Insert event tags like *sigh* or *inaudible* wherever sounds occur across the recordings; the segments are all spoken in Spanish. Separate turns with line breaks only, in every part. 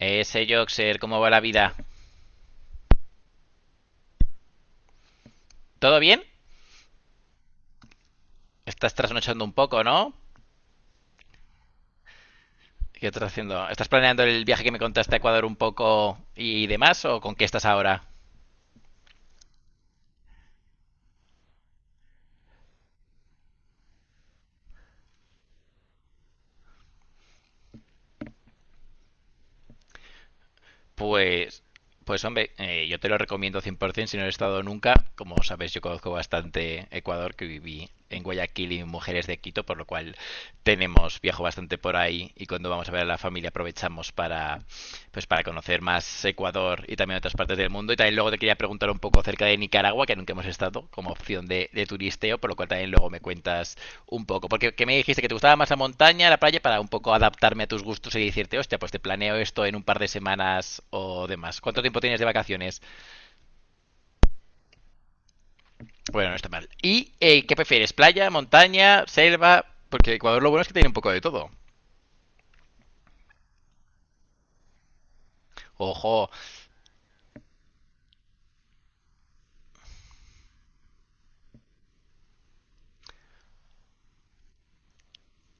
Ese Joxer, ¿cómo va la vida? ¿Todo bien? Estás trasnochando un poco, ¿no? ¿Qué estás haciendo? ¿Estás planeando el viaje que me contaste a Ecuador un poco y demás? ¿O con qué estás ahora? Pues, pues hombre, yo te lo recomiendo 100% si no has estado nunca. Como sabes, yo conozco bastante Ecuador, que viví en Guayaquil y en Mujeres de Quito, por lo cual tenemos, viajo bastante por ahí y cuando vamos a ver a la familia aprovechamos para, pues para conocer más Ecuador y también otras partes del mundo. Y también luego te quería preguntar un poco acerca de Nicaragua, que nunca hemos estado como opción de turisteo, por lo cual también luego me cuentas un poco. Porque que me dijiste que te gustaba más la montaña, la playa, para un poco adaptarme a tus gustos y decirte, hostia, pues te planeo esto en un par de semanas o demás. ¿Cuánto tiempo tienes de vacaciones? Bueno, no está mal. ¿Y qué prefieres? ¿Playa, montaña, selva? Porque Ecuador lo bueno es que tiene un poco de todo. Ojo,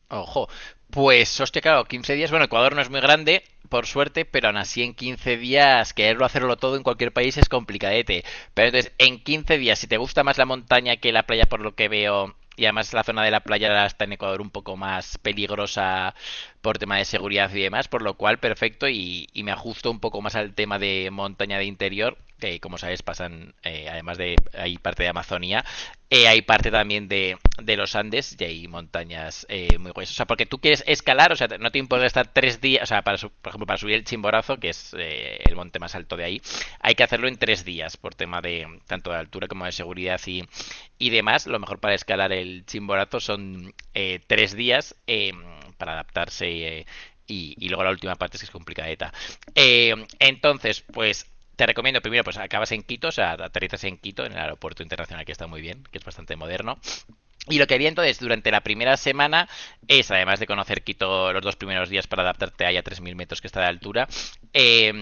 Ojo, pues hostia, claro, 15 días. Bueno, Ecuador no es muy grande, por suerte, pero aún así en 15 días quererlo hacerlo todo en cualquier país es complicadete. Pero entonces, en 15 días, si te gusta más la montaña que la playa, por lo que veo, y además la zona de la playa está en Ecuador un poco más peligrosa por tema de seguridad y demás, por lo cual perfecto y me ajusto un poco más al tema de montaña de interior, que como sabes pasan, además de hay parte de Amazonía, hay parte también de los Andes y hay montañas muy gruesas. O sea, porque tú quieres escalar, o sea, no te importa estar 3 días, o sea, por ejemplo, para subir el Chimborazo, que es el monte más alto de ahí, hay que hacerlo en 3 días por tema de tanto de altura como de seguridad y demás. Lo mejor para escalar el Chimborazo son 3 días para adaptarse eh, y luego la última parte es que es complicadeta. Entonces, pues te recomiendo primero, pues acabas en Quito, o sea, aterrizas en Quito, en el aeropuerto internacional que está muy bien, que es bastante moderno. Y lo que había entonces durante la primera semana es, además de conocer Quito los dos primeros días para adaptarte ahí a 3000 metros que está de altura, eh,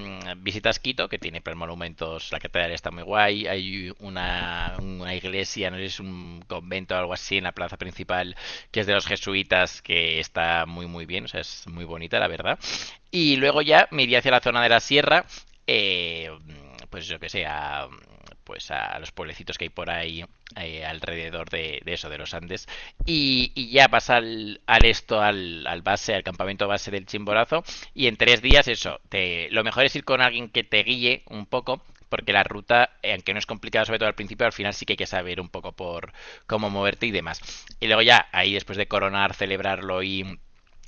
visitas Quito, que tiene pues, monumentos, la catedral está muy guay, hay una iglesia, no sé si es un convento o algo así en la plaza principal, que es de los jesuitas, que está muy muy bien, o sea, es muy bonita la verdad. Y luego ya me iría hacia la zona de la sierra, eh, pues yo que sé, pues a los pueblecitos que hay por ahí alrededor de los Andes. Y ya vas al, al esto, al, al, base, al campamento base del Chimborazo. Y en 3 días, eso, te, lo mejor es ir con alguien que te guíe un poco. Porque la ruta, aunque no es complicada, sobre todo al principio, al final sí que hay que saber un poco por cómo moverte y demás. Y luego ya, ahí después de coronar, celebrarlo y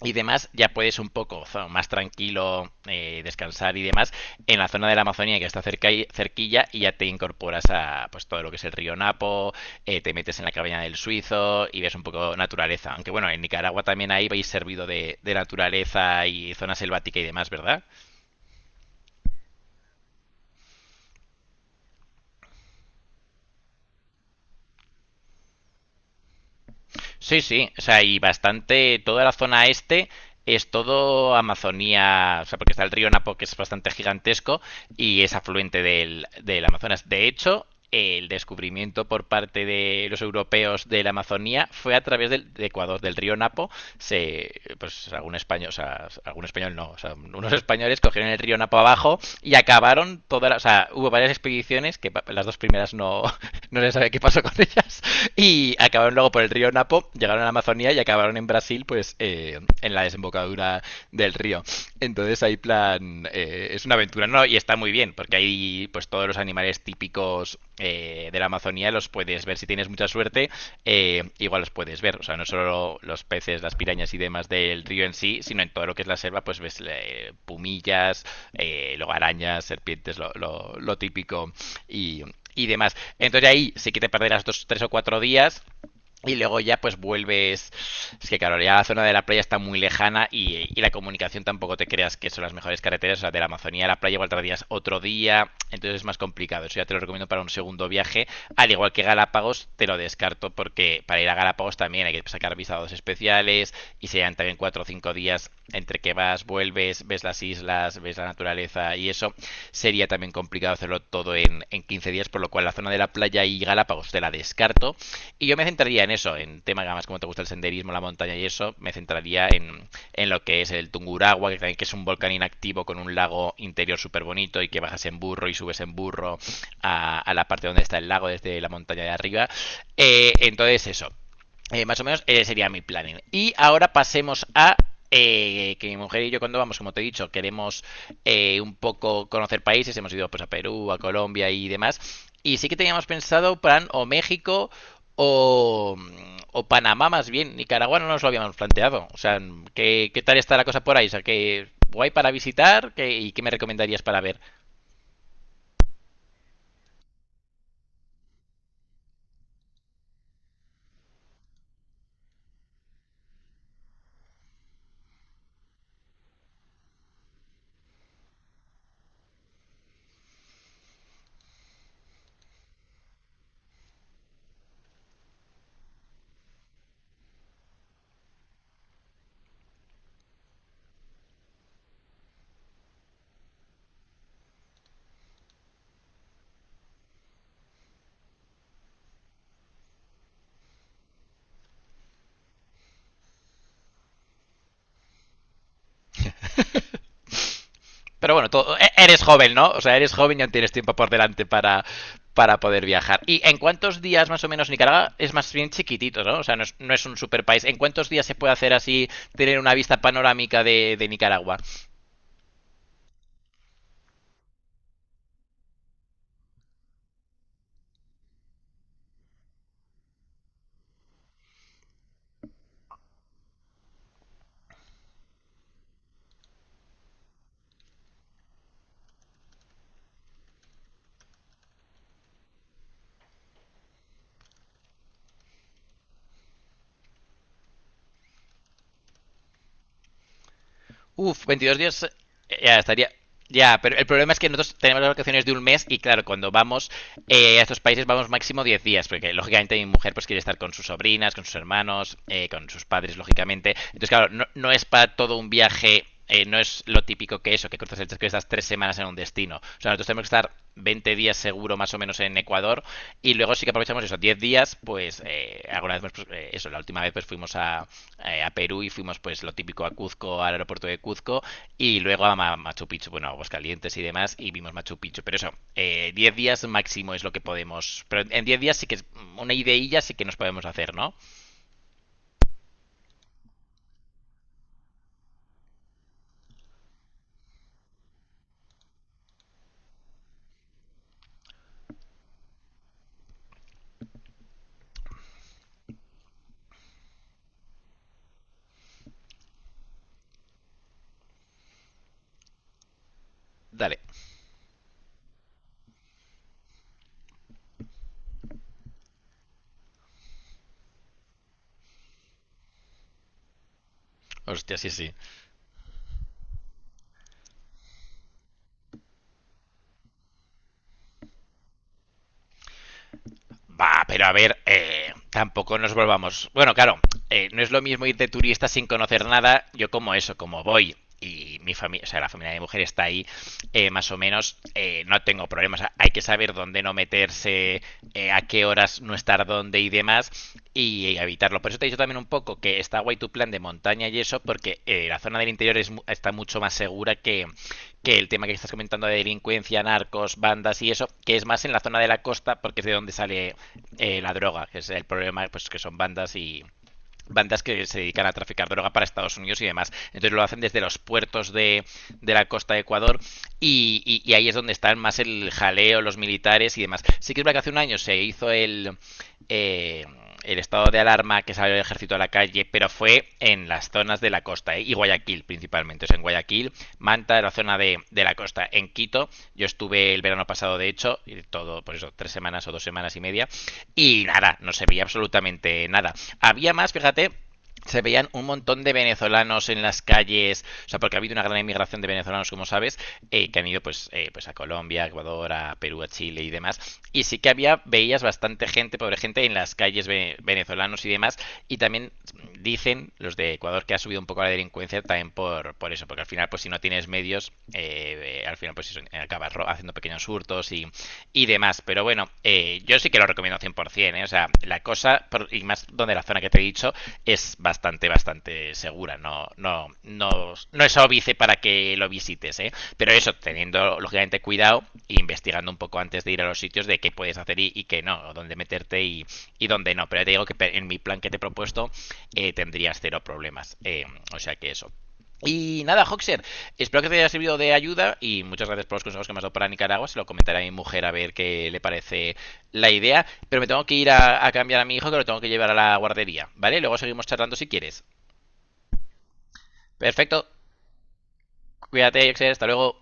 y demás, ya puedes un poco más tranquilo descansar y demás en la zona de la Amazonía que está cerca, cerquilla y ya te incorporas a pues todo lo que es el río Napo, te metes en la cabaña del Suizo y ves un poco naturaleza. Aunque bueno, en Nicaragua también ahí vais servido de naturaleza y zona selvática y demás, ¿verdad? Sí, sí, o sea, y bastante, toda la zona este es todo Amazonía, o sea, porque está el río Napo que es bastante gigantesco y es afluente del Amazonas. De hecho, el descubrimiento por parte de los europeos de la Amazonía fue a través del, de Ecuador, del río Napo. Se, pues algún español, o sea, algún español no, o sea, unos españoles cogieron el río Napo abajo y acabaron todas, o sea, hubo varias expediciones que las dos primeras no, *laughs* no se sabe qué pasó con ellas. Y acabaron luego por el río Napo, llegaron a la Amazonía y acabaron en Brasil, pues en la desembocadura del río. Entonces hay plan, es una aventura, ¿no? Y está muy bien, porque hay pues todos los animales típicos de la Amazonía los puedes ver. Si tienes mucha suerte, igual los puedes ver. O sea, no solo los peces, las pirañas y demás del río en sí, sino en todo lo que es la selva, pues ves pumillas, luego arañas, serpientes, lo típico y, y demás. Entonces ahí sí que te perderás dos, tres o cuatro días y luego ya pues vuelves, es que claro, ya la zona de la playa está muy lejana y la comunicación tampoco te creas que son las mejores carreteras, o sea, de la Amazonía a la playa igual tardías otro día, entonces es más complicado, eso ya te lo recomiendo para un segundo viaje, al igual que Galápagos te lo descarto porque para ir a Galápagos también hay que sacar visados especiales y serían también cuatro o cinco días entre que vas, vuelves, ves las islas, ves la naturaleza y eso, sería también complicado hacerlo todo en 15 días, por lo cual la zona de la playa y Galápagos te la descarto y yo me centraría en eso, en temas que además como te gusta el senderismo, la montaña y eso, me centraría en lo que es el Tunguragua, que también que es un volcán inactivo con un lago interior súper bonito y que bajas en burro y subes en burro a la parte donde está el lago desde la montaña de arriba. Entonces eso. Más o menos sería mi planning. Y ahora pasemos a que mi mujer y yo cuando vamos, como te he dicho, queremos un poco conocer países, hemos ido pues a Perú, a Colombia y demás. Y sí que teníamos pensado plan o México o, o Panamá más bien. Nicaragua no nos lo habíamos planteado. O sea, ¿qué tal está la cosa por ahí? O sea, ¿qué guay para visitar? ¿Y qué me recomendarías para ver? Pero bueno, eres joven, ¿no? O sea, eres joven y aún tienes tiempo por delante para poder viajar. ¿Y en cuántos días más o menos Nicaragua es más bien chiquitito, ¿no? O sea, no es, un super país. ¿En cuántos días se puede hacer así, tener una vista panorámica de Nicaragua? Uf, 22 días ya estaría. Ya, pero el problema es que nosotros tenemos las vacaciones de un mes y claro, cuando vamos a estos países vamos máximo 10 días, porque lógicamente mi mujer pues quiere estar con sus sobrinas, con sus hermanos, con sus padres, lógicamente. Entonces, claro, no, no es para todo un viaje no es lo típico que eso, que cruzas el que estás 3 semanas en un destino. O sea, nosotros tenemos que estar 20 días seguro más o menos en Ecuador y luego sí que aprovechamos esos 10 días, pues alguna vez, pues, eso, la última vez pues fuimos a Perú y fuimos pues lo típico a Cuzco, al aeropuerto de Cuzco y luego a Machu Picchu, bueno, a Aguascalientes y demás y vimos Machu Picchu. Pero eso, 10 días máximo es lo que podemos, pero en 10 días sí que es una ideilla sí que nos podemos hacer, ¿no? Dale. Hostia, sí, sí. Va, pero a ver, tampoco nos volvamos. Bueno, claro, no es lo mismo ir de turista sin conocer nada. Yo como eso, como voy y mi familia, o sea, la familia de mi mujer está ahí, más o menos, no tengo problemas. Hay que saber dónde no meterse, a qué horas no estar dónde y demás, y evitarlo. Por eso te he dicho también un poco que está guay tu plan de montaña y eso, porque la zona del interior es está mucho más segura que el tema que estás comentando de delincuencia, narcos, bandas y eso, que es más en la zona de la costa porque es de donde sale la droga, que es el problema, pues que son bandas y bandas que se dedican a traficar droga para Estados Unidos y demás. Entonces lo hacen desde los puertos de la costa de Ecuador y ahí es donde están más el jaleo, los militares y demás. Sí que es verdad que hace un año se hizo eh, el estado de alarma que salió el ejército a la calle, pero fue en las zonas de la costa ¿eh? Y Guayaquil principalmente. O sea, en Guayaquil, Manta, la zona de la costa. En Quito, yo estuve el verano pasado, de hecho, y todo, por eso, 3 semanas o 2 semanas y media, y nada, no se veía absolutamente nada. Había más, fíjate, se veían un montón de venezolanos en las calles, o sea, porque ha habido una gran emigración de venezolanos, como sabes, que han ido pues a Colombia, a Ecuador, a Perú, a Chile y demás. Y sí que había, veías bastante gente, pobre gente, en las calles venezolanos y demás. Y también dicen los de Ecuador que ha subido un poco la delincuencia también por eso, porque al final, pues si no tienes medios, al final pues eso, acabas haciendo pequeños hurtos y demás. Pero bueno, yo sí que lo recomiendo 100%, ¿eh? O sea, la cosa, y más donde la zona que te he dicho, es bastante, bastante segura. No, no, no, no es óbice para que lo visites, ¿eh? Pero eso, teniendo lógicamente cuidado e investigando un poco antes de ir a los sitios de qué puedes hacer y qué no, o dónde meterte y dónde no. Pero ya te digo que en mi plan que te he propuesto tendrías cero problemas. O sea que eso. Y nada, Hoxer, espero que te haya servido de ayuda y muchas gracias por los consejos que me has dado para Nicaragua. Se lo comentaré a mi mujer a ver qué le parece la idea. Pero me tengo que ir a cambiar a mi hijo que lo tengo que llevar a la guardería, ¿vale? Luego seguimos charlando si quieres. Perfecto, cuídate, Hoxer, hasta luego.